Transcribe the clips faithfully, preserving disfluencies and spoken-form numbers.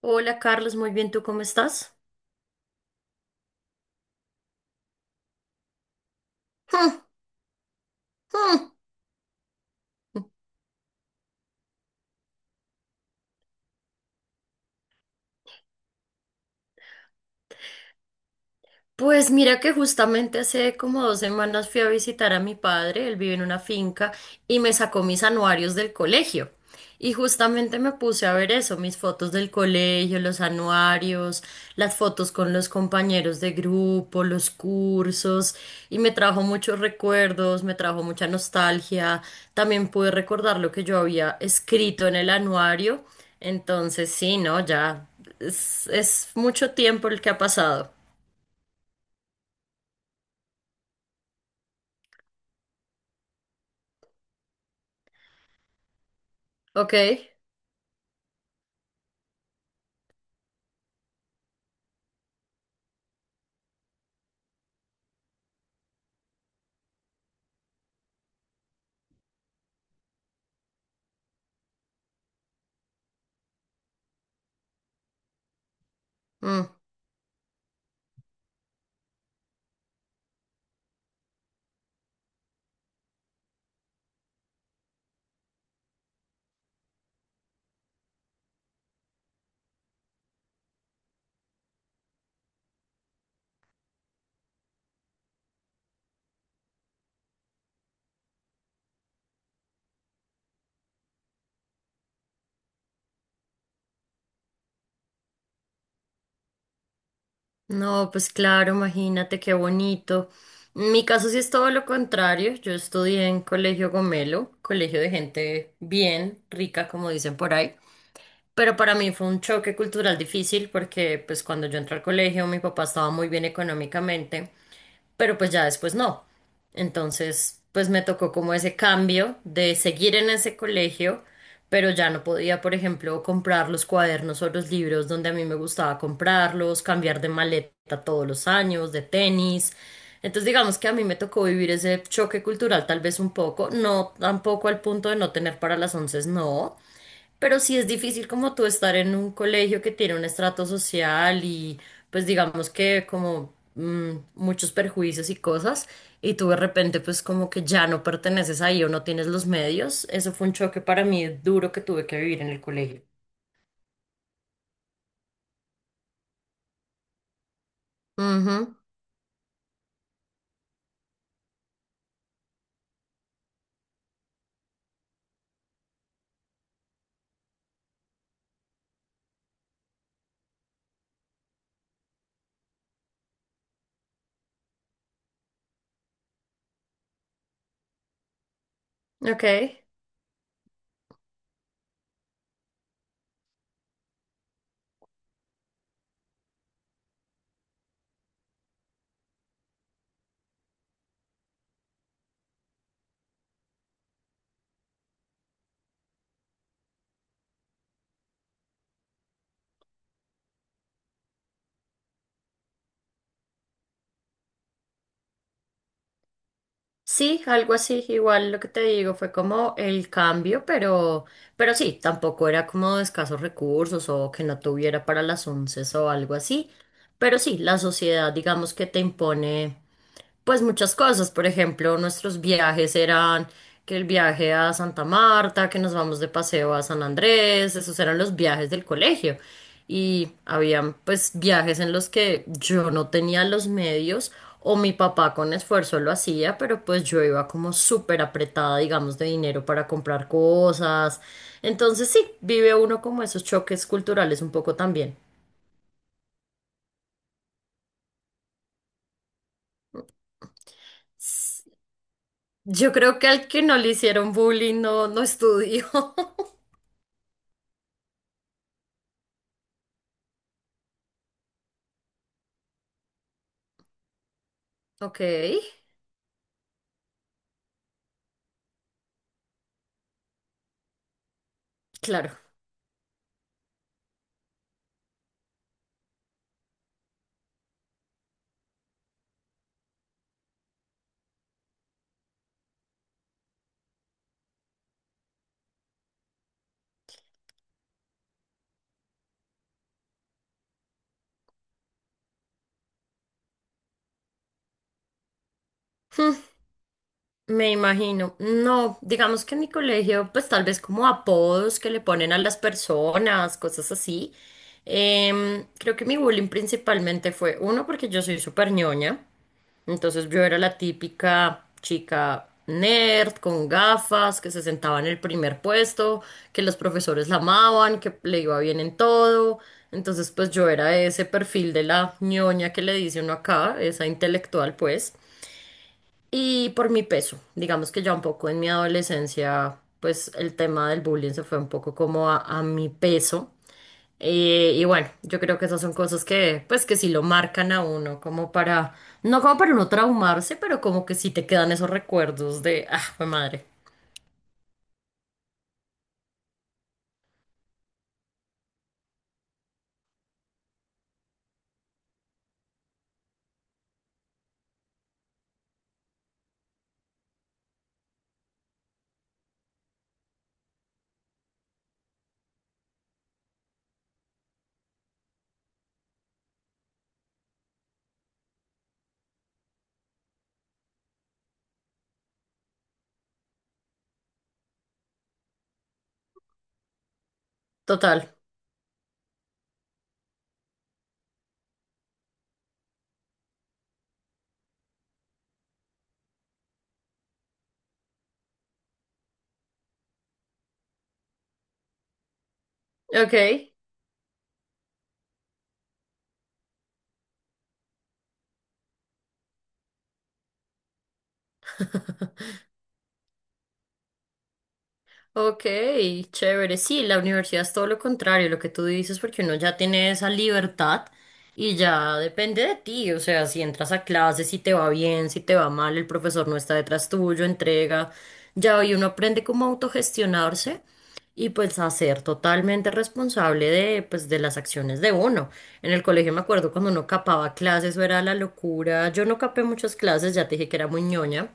Hola Carlos, muy bien, ¿tú cómo estás? Pues mira que justamente hace como dos semanas fui a visitar a mi padre, él vive en una finca y me sacó mis anuarios del colegio. Y justamente me puse a ver eso, mis fotos del colegio, los anuarios, las fotos con los compañeros de grupo, los cursos, y me trajo muchos recuerdos, me trajo mucha nostalgia. También pude recordar lo que yo había escrito en el anuario. Entonces, sí, no, ya es, es mucho tiempo el que ha pasado. ¿Ok? Mm. No, pues claro, imagínate qué bonito. En mi caso sí es todo lo contrario. Yo estudié en Colegio Gomelo, colegio de gente bien rica, como dicen por ahí. Pero para mí fue un choque cultural difícil porque pues cuando yo entré al colegio mi papá estaba muy bien económicamente, pero pues ya después no. Entonces, pues me tocó como ese cambio de seguir en ese colegio, pero ya no podía, por ejemplo, comprar los cuadernos o los libros donde a mí me gustaba comprarlos, cambiar de maleta todos los años, de tenis. Entonces, digamos que a mí me tocó vivir ese choque cultural tal vez un poco, no tampoco al punto de no tener para las once, no, pero sí es difícil como tú estar en un colegio que tiene un estrato social y pues digamos que como mm, muchos perjuicios y cosas y tú de repente pues como que ya no perteneces ahí o no tienes los medios. Eso fue un choque para mí duro que tuve que vivir en el colegio. Ujú. Ok. Sí, algo así, igual lo que te digo fue como el cambio, pero, pero sí, tampoco era como de escasos recursos o que no tuviera para las once o algo así, pero sí, la sociedad digamos que te impone. Pues muchas cosas, por ejemplo, nuestros viajes eran que el viaje a Santa Marta, que nos vamos de paseo a San Andrés, esos eran los viajes del colegio. Y habían pues viajes en los que yo no tenía los medios o mi papá con esfuerzo lo hacía, pero pues yo iba como súper apretada, digamos, de dinero para comprar cosas. Entonces sí, vive uno como esos choques culturales un poco también. S- Yo creo que al que no le hicieron bullying no, no estudió. Ok, claro, me imagino. No, digamos que en mi colegio, pues tal vez como apodos que le ponen a las personas, cosas así. Em, creo que mi bullying principalmente fue, uno, porque yo soy súper ñoña, entonces yo era la típica chica nerd con gafas que se sentaba en el primer puesto, que los profesores la amaban, que le iba bien en todo. Entonces, pues yo era ese perfil de la ñoña que le dice uno acá, esa intelectual, pues. Y por mi peso, digamos que ya un poco en mi adolescencia, pues el tema del bullying se fue un poco como a, a mi peso. Eh, y bueno, yo creo que esas son cosas que, pues que sí lo marcan a uno, como para, no como para uno traumarse, pero como que sí te quedan esos recuerdos de, ah, fue madre. Total. Ok. Ok, chévere. Sí, la universidad es todo lo contrario, lo que tú dices, porque uno ya tiene esa libertad y ya depende de ti. O sea, si entras a clase, si te va bien, si te va mal, el profesor no está detrás tuyo, entrega. Ya hoy uno aprende cómo autogestionarse y pues a ser totalmente responsable de, pues, de las acciones de uno. En el colegio me acuerdo cuando uno capaba clases, eso era la locura. Yo no capé muchas clases, ya te dije que era muy ñoña,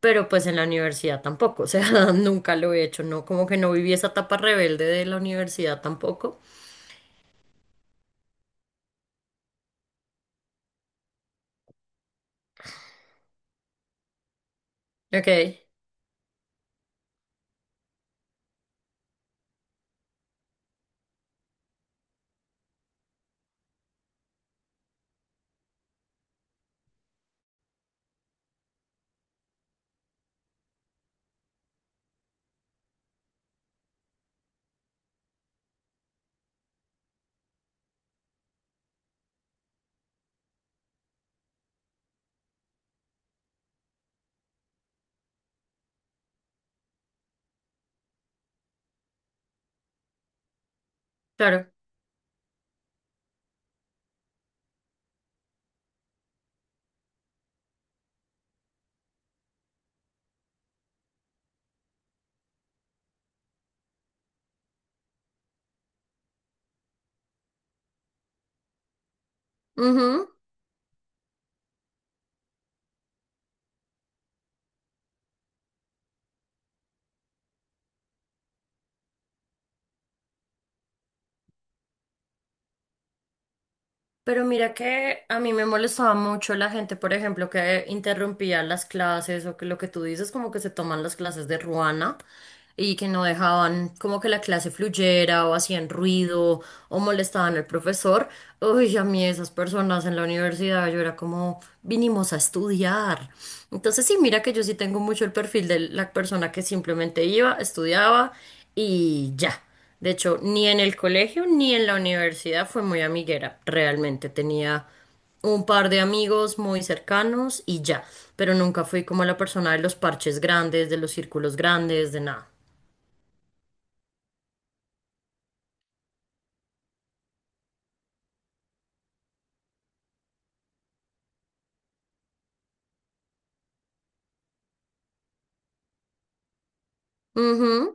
pero pues en la universidad tampoco, o sea, nunca lo he hecho, no, como que no viví esa etapa rebelde de la universidad tampoco. Ok, claro. Ujú. Pero mira que a mí me molestaba mucho la gente, por ejemplo, que interrumpía las clases o que lo que tú dices, como que se toman las clases de ruana y que no dejaban como que la clase fluyera o hacían ruido o molestaban al profesor. Uy, a mí esas personas en la universidad, yo era como, vinimos a estudiar. Entonces, sí, mira que yo sí tengo mucho el perfil de la persona que simplemente iba, estudiaba y ya. De hecho, ni en el colegio ni en la universidad fue muy amiguera. Realmente tenía un par de amigos muy cercanos y ya. Pero nunca fui como la persona de los parches grandes, de los círculos grandes, de nada. Ujú,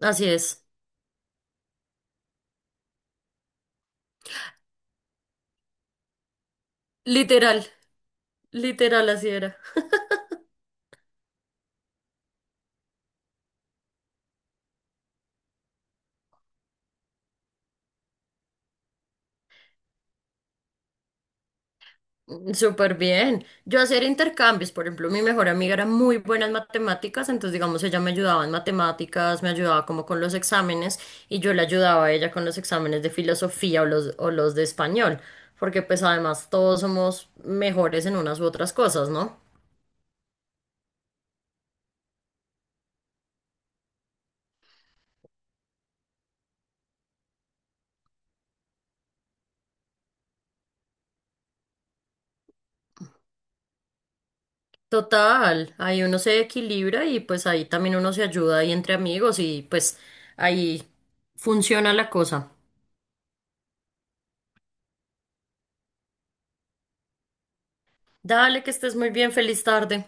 así es. Literal, literal así era. Mm. Súper bien. Yo hacer intercambios, por ejemplo, mi mejor amiga era muy buena en matemáticas, entonces digamos ella me ayudaba en matemáticas, me ayudaba como con los exámenes y yo le ayudaba a ella con los exámenes de filosofía o los, o los de español, porque pues además todos somos mejores en unas u otras cosas, ¿no? Total, ahí uno se equilibra y pues ahí también uno se ayuda ahí entre amigos y pues ahí funciona la cosa. Dale, que estés muy bien, feliz tarde.